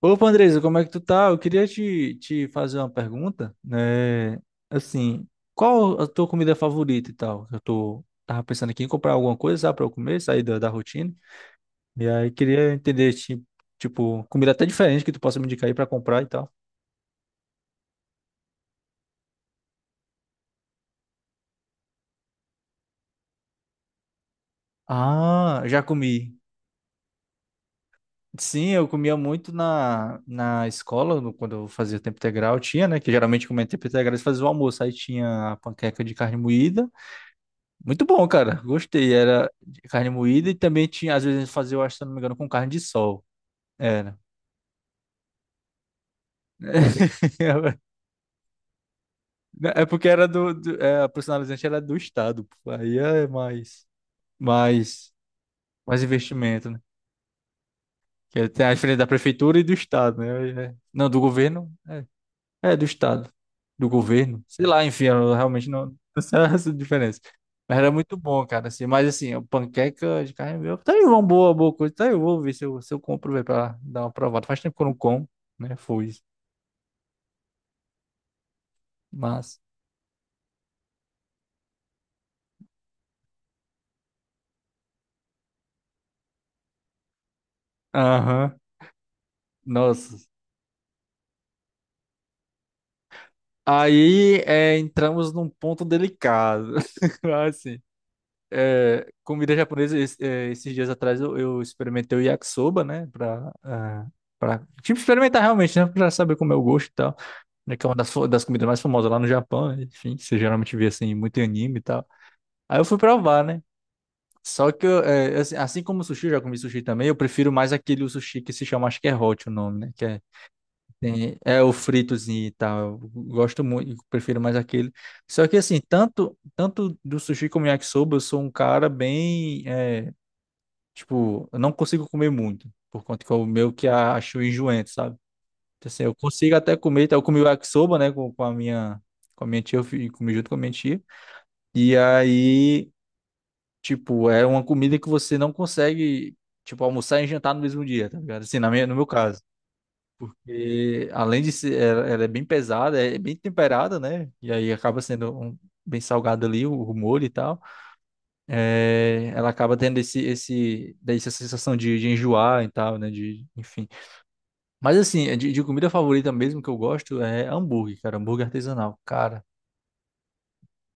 Opa, Andresa, como é que tu tá? Eu queria te fazer uma pergunta, né? Assim, qual a tua comida favorita e tal? Tava pensando aqui em comprar alguma coisa, sabe, pra eu comer, sair da rotina. E aí queria entender, tipo, comida até diferente que tu possa me indicar aí pra comprar e tal. Ah, já comi. Sim, eu comia muito na escola, quando eu fazia tempo integral, tinha, né? Que geralmente comia tempo integral, eles faziam o almoço, aí tinha a panqueca de carne moída. Muito bom, cara. Gostei. Era de carne moída e também tinha, às vezes, a gente fazia, eu acho, se eu não me engano, com carne de sol. Era. É porque era a personalizante era do estado, pô. Aí é mais, mais investimento, né? Que é, tem a diferença da prefeitura e do estado, né? Não, do governo. É, do Estado, do governo. Sei lá, enfim, eu realmente não, não sei essa diferença. Mas era muito bom, cara, assim. Mas assim, o panqueca de carne moída, tá aí uma boa coisa. Tá aí, eu vou ver se eu compro, velho, pra dar uma provada. Faz tempo que eu não como, né? Foi, mas. Aham, nossa. Aí, entramos num ponto delicado. Assim, comida japonesa, esses dias atrás eu experimentei o yakisoba, né? Pra, tipo, experimentar realmente, né? Pra saber como é o gosto e tal. Né, que é uma das comidas mais famosas lá no Japão, né, enfim, você geralmente vê assim, muito em anime e tal. Aí eu fui provar, né? Só que, assim, assim como o sushi, eu já comi sushi também, eu prefiro mais aquele sushi que se chama, acho que é hot o nome, né? Que é, é o fritozinho e tal. Eu gosto muito, prefiro mais aquele. Só que, assim, tanto do sushi como yakisoba, eu sou um cara bem, tipo, eu não consigo comer muito, por conta que o meu que acho enjoento, sabe? Então, assim, eu consigo até comer, então eu comi o yakisoba, né, com a minha tia, comi junto com a minha tia. E aí, tipo, é uma comida que você não consegue, tipo, almoçar e jantar no mesmo dia, tá ligado? Assim, no meu caso. Porque além de ser, ela é bem pesada, é bem temperada, né? E aí acaba sendo bem salgado ali o molho e tal. É, ela acaba tendo daí essa sensação de enjoar e tal, né? Enfim. Mas assim, é de comida favorita mesmo que eu gosto é hambúrguer, cara. Hambúrguer artesanal, cara.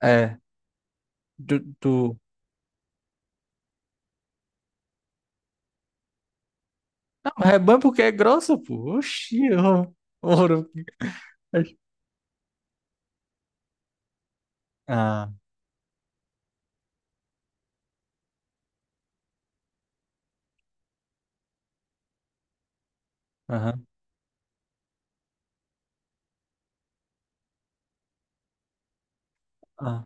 É. Tu. Não, mas é bom porque é grossa, pô. Oxi, eu... ouro. Ah, aham. Ah,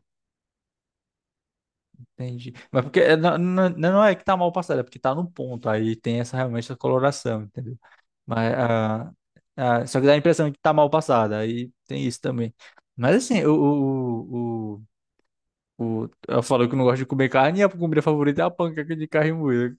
entendi. Mas porque não, não, não é que tá mal passado, é porque tá no ponto. Aí tem essa realmente essa coloração, entendeu? Mas, só que dá a impressão que tá mal passada. Aí tem isso também. Mas assim, eu falo que eu não gosto de comer carne e a comida favorita é a panqueca de carne moída.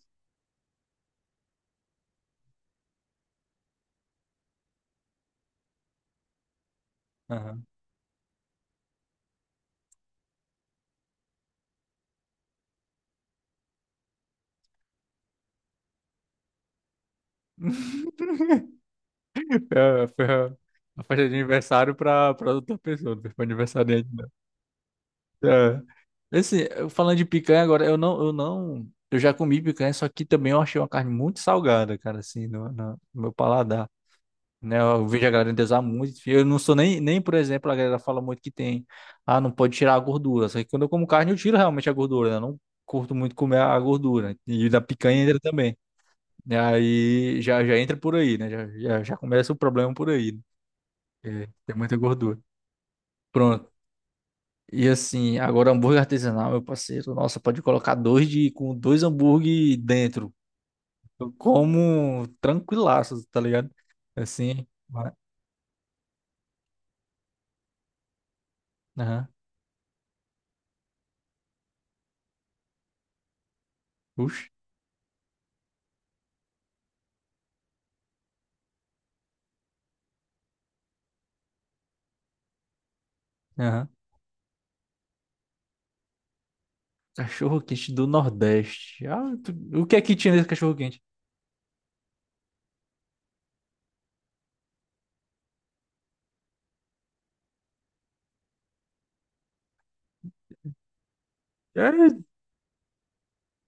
Foi a festa de aniversário pra outra pessoa, não foi pra aniversariante, não. É. Assim, eu falando de picanha agora, eu não, eu não, eu já comi picanha, só que também eu achei uma carne muito salgada, cara, assim, no meu paladar. Né, eu vejo a galera endeusar muito. Eu não sou nem, por exemplo, a galera fala muito que tem, não pode tirar a gordura. Só que quando eu como carne, eu tiro realmente a gordura, né? Eu não curto muito comer a gordura. E da picanha entra também. E aí já entra por aí, né? Já começa o problema por aí, né? É, tem muita gordura. Pronto. E assim, agora hambúrguer artesanal, meu parceiro. Nossa, pode colocar dois de com dois hambúrguer dentro. Eu como tranquilaço, tá ligado? Assim, vai. Aham. Puxa. Aham. Cachorro quente do Nordeste. Ah, o que é que tinha nesse cachorro quente? É,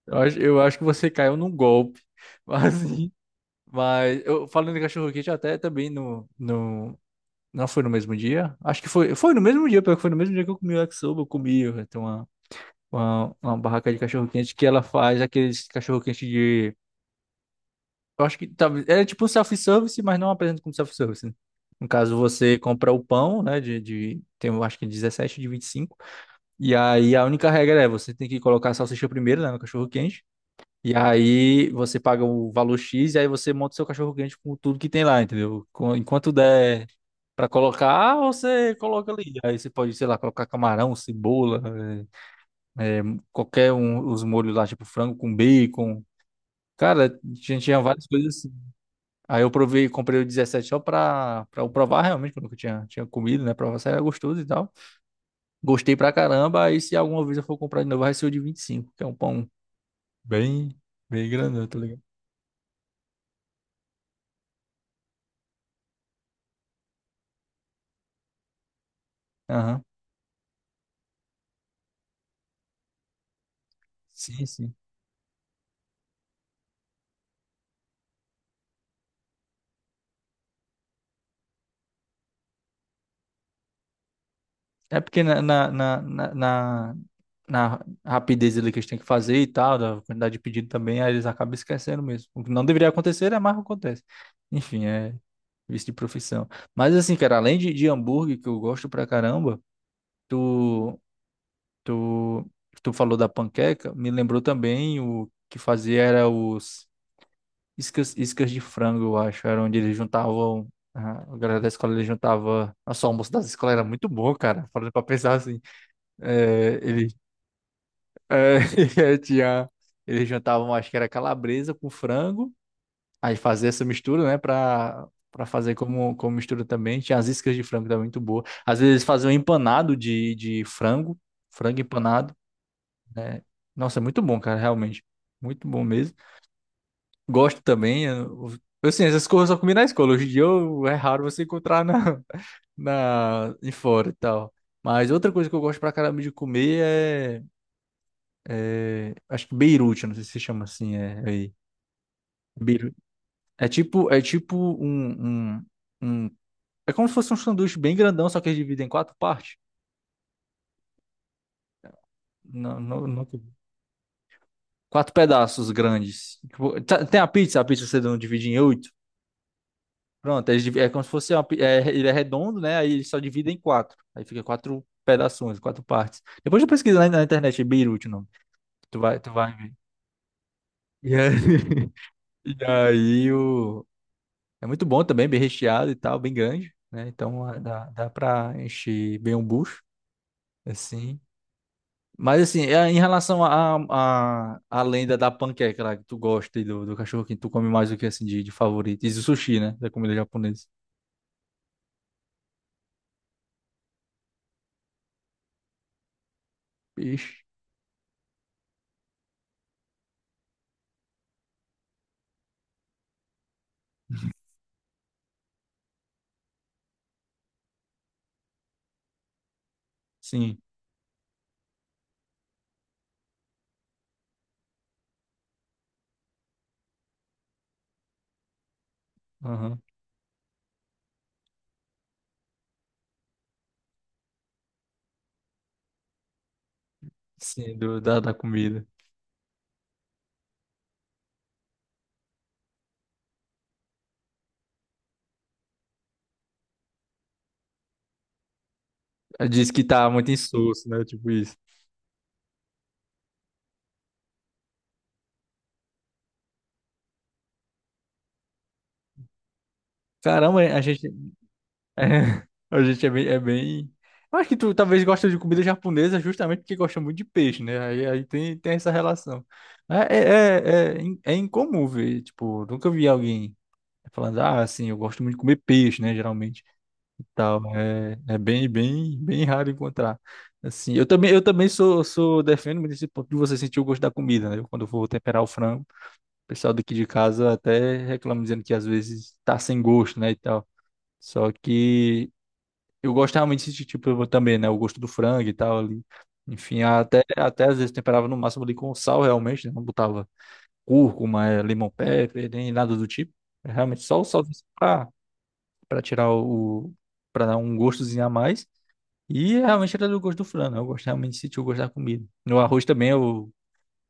eu acho que você caiu num golpe. Mas, assim, mas eu falando de cachorro quente até também no. Não foi no mesmo dia? Acho que foi no mesmo dia, porque foi no mesmo dia que eu comi o yakisoba, tem uma barraca de cachorro-quente que ela faz aqueles cachorro-quente de, eu acho que talvez, é tipo um self-service, mas não apresenta como self-service, né? No caso, você compra o pão, né, eu acho que é 17 de 25, e cinco. E aí a única regra é, você tem que colocar a salsicha primeiro, né, no cachorro-quente, e aí você paga o valor X, e aí você monta o seu cachorro-quente com tudo que tem lá, entendeu? Enquanto der pra colocar, você coloca ali. Aí você pode, sei lá, colocar camarão, cebola, é, é, qualquer um, os molhos lá, tipo frango com bacon. Cara, a gente tinha várias coisas assim. Aí eu provei, comprei o 17 só pra eu provar realmente, porque eu nunca tinha comido, né? Provar se era gostoso e tal. Gostei pra caramba. Aí se alguma vez eu for comprar de novo, vai ser o de 25 que é um pão bem, bem grandão, tá ligado? Aham. Sim, sim. É porque na rapidez ali que eles têm que fazer e tal, da quantidade de pedido também, aí eles acabam esquecendo mesmo. O que não deveria acontecer é mais que acontece. Enfim, é vício de profissão. Mas assim, cara, além de hambúrguer, que eu gosto pra caramba, tu, tu, tu falou da panqueca, me lembrou também o que fazia era os iscas, de frango, eu acho, era onde eles juntavam. A galera da escola, eles juntava. Nossa, o almoço das escolas era muito bom, cara. Falando pra pensar assim. É, ele, é, tinha, eles jantavam, acho que era calabresa com frango. Aí fazia essa mistura, né? Pra fazer como mistura também. Tinha as iscas de frango também muito boa. Às vezes eles faziam empanado de frango. Frango empanado, né? Nossa, é muito bom, cara, realmente. Muito bom mesmo. Gosto também. Assim, essas coisas eu só comi na escola. Hoje em dia é raro você encontrar na, em fora e tal. Mas outra coisa que eu gosto pra caramba de comer é. Acho que Beirute, não sei se chama assim, é aí. Beirute. É tipo, é tipo um, um, um- É como se fosse um sanduíche bem grandão, só que eles dividem em quatro partes. Não, quatro pedaços grandes. Tipo, tem a pizza, você não divide em oito. Pronto, é como se fosse ele é redondo, né? Aí eles só divide em quatro. Aí fica quatro pedaços, quatro partes. Depois eu pesquisa na internet, é Beirute o nome. Tu vai ver. E aí, e aí o, é muito bom também, bem recheado e tal, bem grande, né? Então dá pra encher bem um bucho, assim. Mas assim, em relação à lenda da panqueca lá que tu gosta e do cachorro quente, tu come mais o que assim de favorito? Diz o sushi, né? Da comida japonesa. Peixe, sim. Aham. Sim, da comida. Ela diz que tá muito insosso, né? Tipo isso. Caramba, a gente. É, A gente é bem, é bem. Eu acho que tu talvez gosta de comida japonesa justamente porque gosta muito de peixe, né? Aí tem essa relação. É incomum ver, tipo, nunca vi alguém falando, assim, eu gosto muito de comer peixe, né? Geralmente e tal. Bem, raro encontrar. Assim, eu também, sou, defendo muito esse ponto de você sentir o gosto da comida, né? Quando eu vou temperar o frango, o pessoal daqui de casa até reclama dizendo que às vezes tá sem gosto, né? E tal. Só que eu gosto realmente desse tipo eu também, né? O gosto do frango e tal ali. Enfim, até às vezes temperava no máximo ali com sal, realmente, né? Não botava cúrcuma, lemon pepper, nem nada do tipo. É realmente só o sal pra, pra tirar o, pra dar um gostozinho a mais. E realmente era do gosto do frango, né? Eu gosto realmente de sentir o gosto da comida. No arroz também, eu,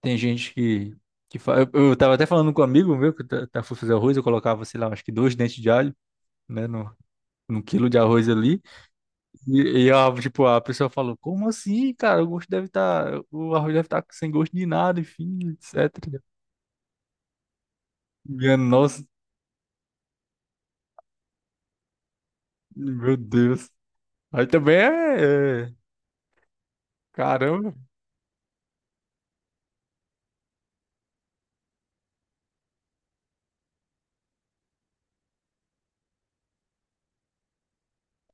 tem gente que. Que fa... eu tava até falando com um amigo meu que foi fazer arroz, eu colocava, sei lá, acho que dois dentes de alho, né? No, no quilo de arroz ali. A, tipo, a pessoa falou, como assim, cara? O gosto deve estar. O arroz deve estar sem gosto de nada, enfim, etc. Minha nossa, meu Deus. Aí também é. É, Caramba.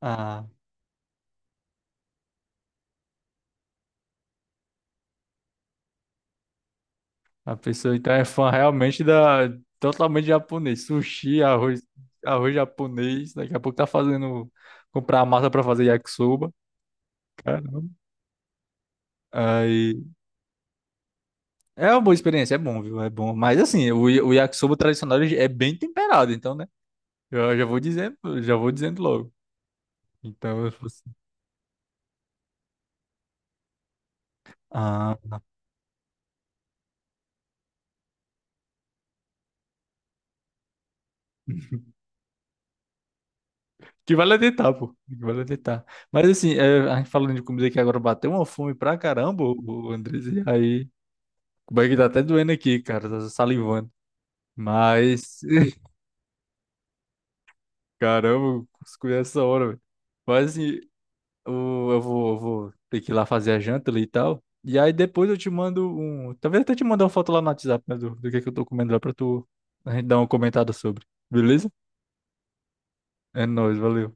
Ah, a pessoa então é fã realmente da. Totalmente japonês. Sushi, arroz japonês. Daqui a pouco tá fazendo. Comprar a massa pra fazer yakisoba. Caramba. Aí. É uma boa experiência, é bom, viu? É bom. Mas assim, o yakisoba tradicional ele é bem temperado, então né? Eu já vou dizendo logo. Então, eu falo assim, ah, que vale é tentar, pô. Que vale é tentar. Mas assim, a gente falando de comida aqui agora bateu uma fome pra caramba, o Andrés. E aí, o bag tá até doendo aqui, cara, tá salivando. Mas, caramba, escolhi essa hora, velho. Mas assim, eu vou, ter que ir lá fazer a janta ali e tal. E aí depois eu te mando um. Talvez até te mandar uma foto lá no WhatsApp, né, do que é que eu tô comendo lá pra tu a gente dar uma comentada sobre. Beleza? É nóis, valeu.